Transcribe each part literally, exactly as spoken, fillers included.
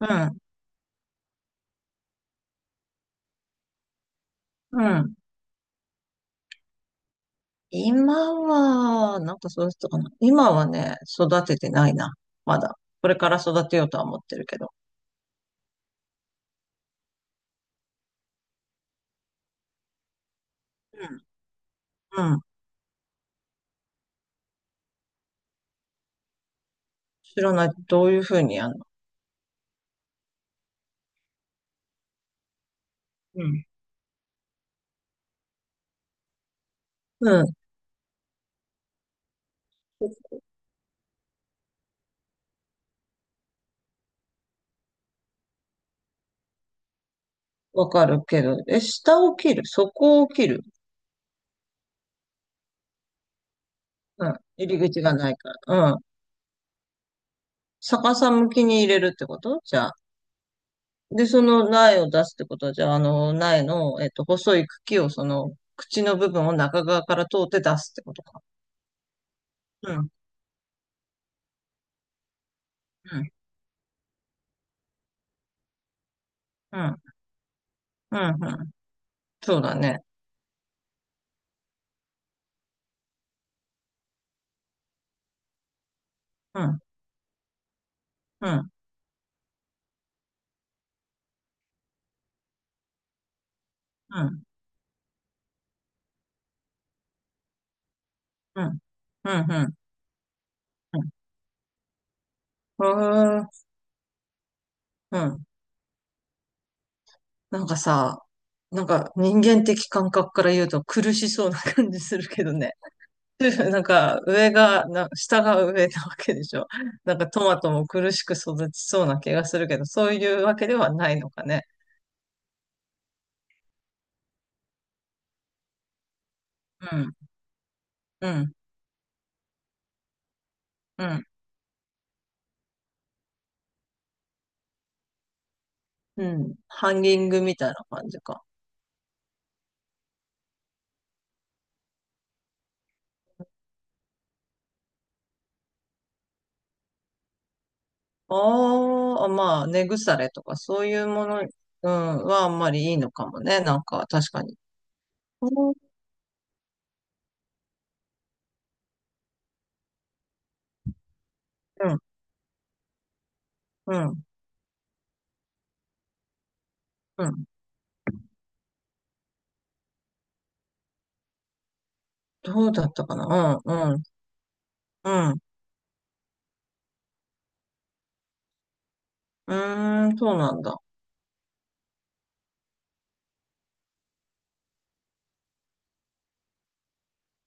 うん、うん。今は、なんかそうしたかな。今はね、育ててないな。まだ。これから育てようとは思ってるけど。うん。うん。知らない。どういうふうにやるの？うん。うん。わかるけど。え、下を切る。そこを切る。うん。入り口がないから。うん。逆さ向きに入れるってことじゃあ。で、その苗を出すってことは、じゃあ、あの、苗の、えっと、細い茎を、その、口の部分を中側から通って出すってことか。うん。うん。うん。うん。うん。そうだね。うん、うん、うん、うん、うん、うん、うん。へー。うん。なんかさ、なんか人間的感覚から言うと苦しそうな感じするけどね。なんか上が、な下が上なわけでしょ。なんかトマトも苦しく育ちそうな気がするけど、そういうわけではないのかね。うん、うん、うん、うん。ハンギングみたいな感じか。ああ、まあ、根腐れとかそういうもの、うん、はあんまりいいのかもね。なんか確かに。うん、うん、うん。どうだったかな。うん、うん、うん。うーん、そうなんだ。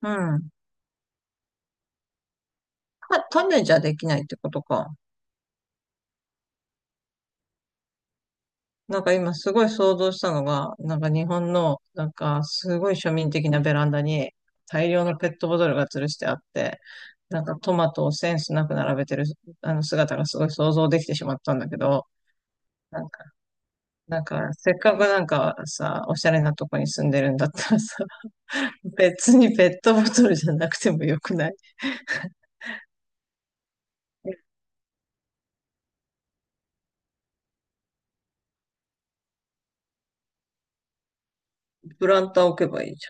うん。た種じゃできないってことか。なんか今すごい想像したのが、なんか日本の、なんかすごい庶民的なベランダに大量のペットボトルが吊るしてあって、なんかトマトをセンスなく並べてるあの姿がすごい想像できてしまったんだけど、なんか、なんかせっかくなんかさ、おしゃれなとこに住んでるんだったらさ、別にペットボトルじゃなくてもよくない？プランター置けばいいじ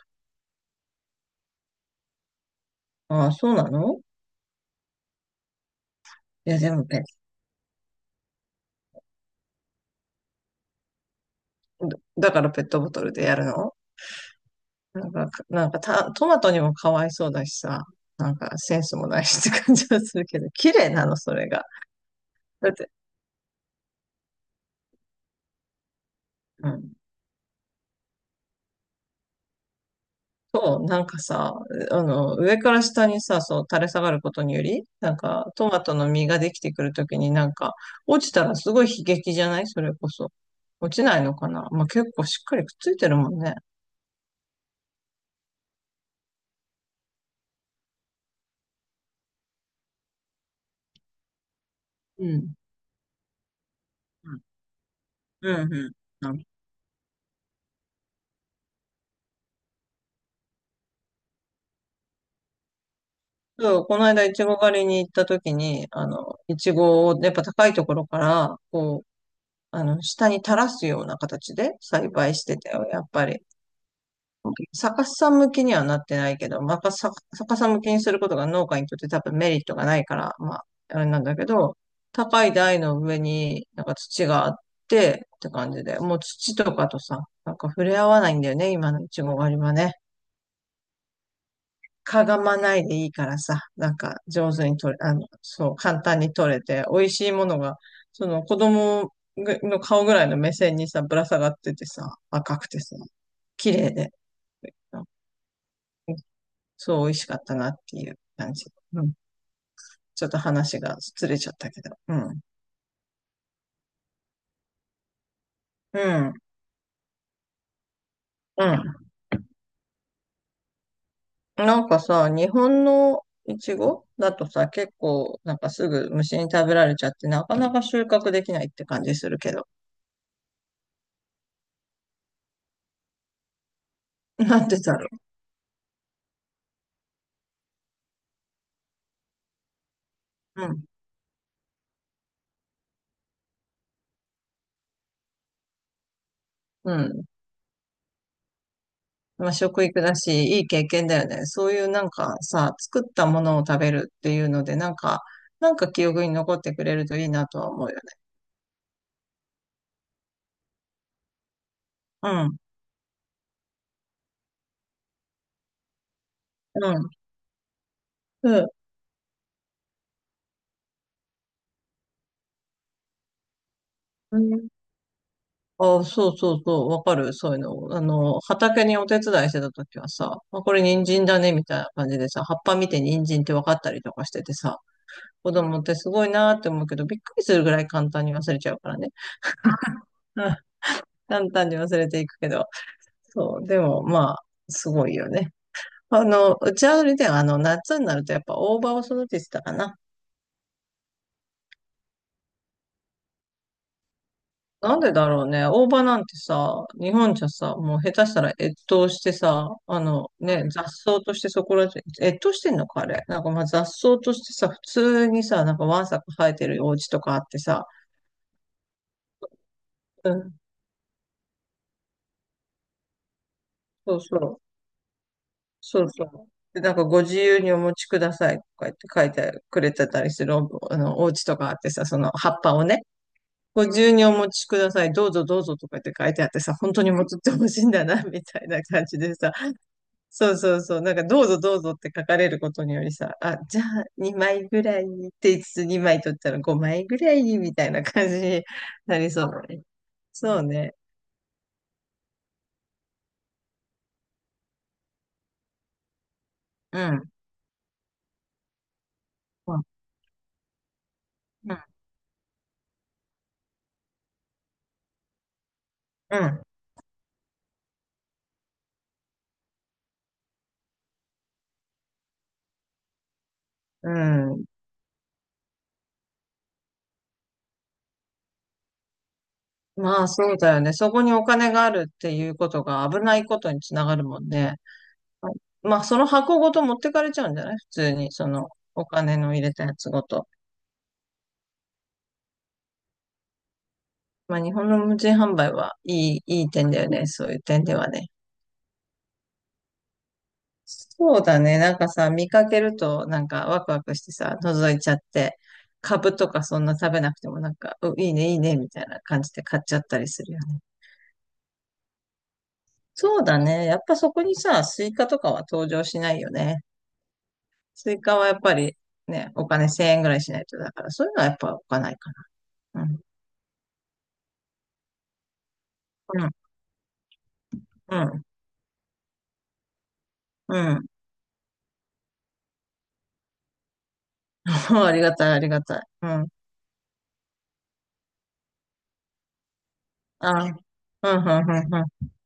ゃん。ああ、そうなの？いや、でもペだからペットボトルでやるの？なんか、なんかた、トマトにもかわいそうだしさ、なんかセンスもないしって感じはするけど、綺麗なの、それが。だって、うん。そう、なんかさ、あの、上から下にさ、そう、垂れ下がることにより、なんか、トマトの実ができてくるときになんか、落ちたらすごい悲劇じゃない？それこそ。落ちないのかな。まあ、結構しっかりくっついてるもんね。うん。うん、うん、うん。なるほど。この間、いちご狩りに行った時に、あの、いちごを、やっぱ高いところから、こう、あの、下に垂らすような形で栽培してたよ、やっぱり。逆さ向きにはなってないけど、まあ、逆さ逆さ向きにすることが農家にとって多分メリットがないから、まあ、あれなんだけど、高い台の上になんか土があってって感じで、もう土とかとさ、なんか触れ合わないんだよね、今のいちご狩りはね。かがまないでいいからさ、なんか上手に取れ、あの、そう、簡単に取れて、美味しいものが、その子供ぐの顔ぐらいの目線にさ、ぶら下がっててさ、赤くてさ、綺麗で、うん、そう、美味しかったなっていう感じ。うん。ちょっと話がずれちゃったけど。うん。うん。うん。なんかさ、日本のイチゴだとさ、結構、なんかすぐ虫に食べられちゃって、なかなか収穫できないって感じするけど。なんでだろう。うん。うん。まあ、食育だし、いい経験だよね。そういうなんかさ、作ったものを食べるっていうので、なんか、なんか記憶に残ってくれるといいなとは思うよね。うん。うん。うん。あ、そうそうそう、わかる。そういうの。あの、畑にお手伝いしてた時はさ、あ、これ人参だね、みたいな感じでさ、葉っぱ見て人参って分かったりとかしててさ、子供ってすごいなーって思うけど、びっくりするぐらい簡単に忘れちゃうからね。うん、簡単に忘れていくけど。そう、でもまあ、すごいよね。あの、うちはあれだよ。あの、夏になるとやっぱ大葉を育ててたかな。なんでだろうね。大葉なんてさ、日本じゃさ、もう下手したら越冬してさ、あのね、雑草としてそこら中、越冬してんのかあれ。なんかまあ雑草としてさ、普通にさ、なんかわんさか生えてるお家とかあってさ、うん、そうそう、そうそう。で、なんかご自由にお持ちくださいとか言って書いてくれてたりするお、あの、お家とかあってさ、その葉っぱをね、ご自由にお持ちください。どうぞどうぞとかって書いてあってさ、本当に持ってほしいんだな、みたいな感じでさ。そうそうそう。なんか、どうぞどうぞって書かれることによりさ、あ、じゃあにまいぐらいって言いつつにまい取ったらごまいぐらいみたいな感じになりそうだね。そうね。うん。うん。うん。うん。まあ、そうだよね。そこにお金があるっていうことが危ないことにつながるもんね。まあ、その箱ごと持ってかれちゃうんじゃない？普通に、そのお金の入れたやつごと。まあ、日本の無人販売はいい、いい点だよね。そういう点ではね。そうだね。なんかさ、見かけると、なんかワクワクしてさ、覗いちゃって、株とかそんな食べなくても、なんか、う、いいね、いいね、みたいな感じで買っちゃったりするよね。そうだね。やっぱそこにさ、スイカとかは登場しないよね。スイカはやっぱりね、お金せんえんぐらいしないと、だからそういうのはやっぱ置かないかな。うん。うん。うん。うん。ありがたい、ありがたい。うん。あ、うん、うん、うん、う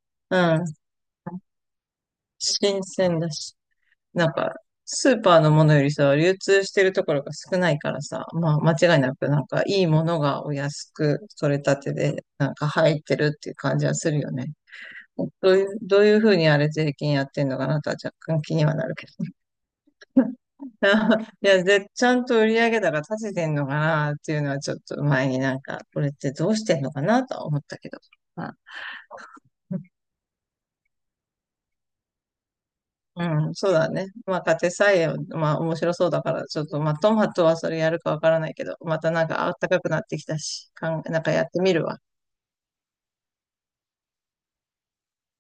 ん。うん。新鮮だし、なんか、スーパーのものよりさ、流通してるところが少ないからさ、まあ間違いなくなんかいいものがお安く取れたてでなんか入ってるっていう感じはするよね。どういう、どういうふうにあれ税金やってんのかなとは若干気にはなるけど。いや、で、ちゃんと売り上げ高立ててんのかなっていうのはちょっと前になんか、これってどうしてんのかなとは思ったけど。まあうん、そうだね。まあ、家庭菜園、まあ、面白そうだから、ちょっと、まあ、トマトはそれやるかわからないけど、またなんか暖かくなってきたし、かん、なんかやってみるわ。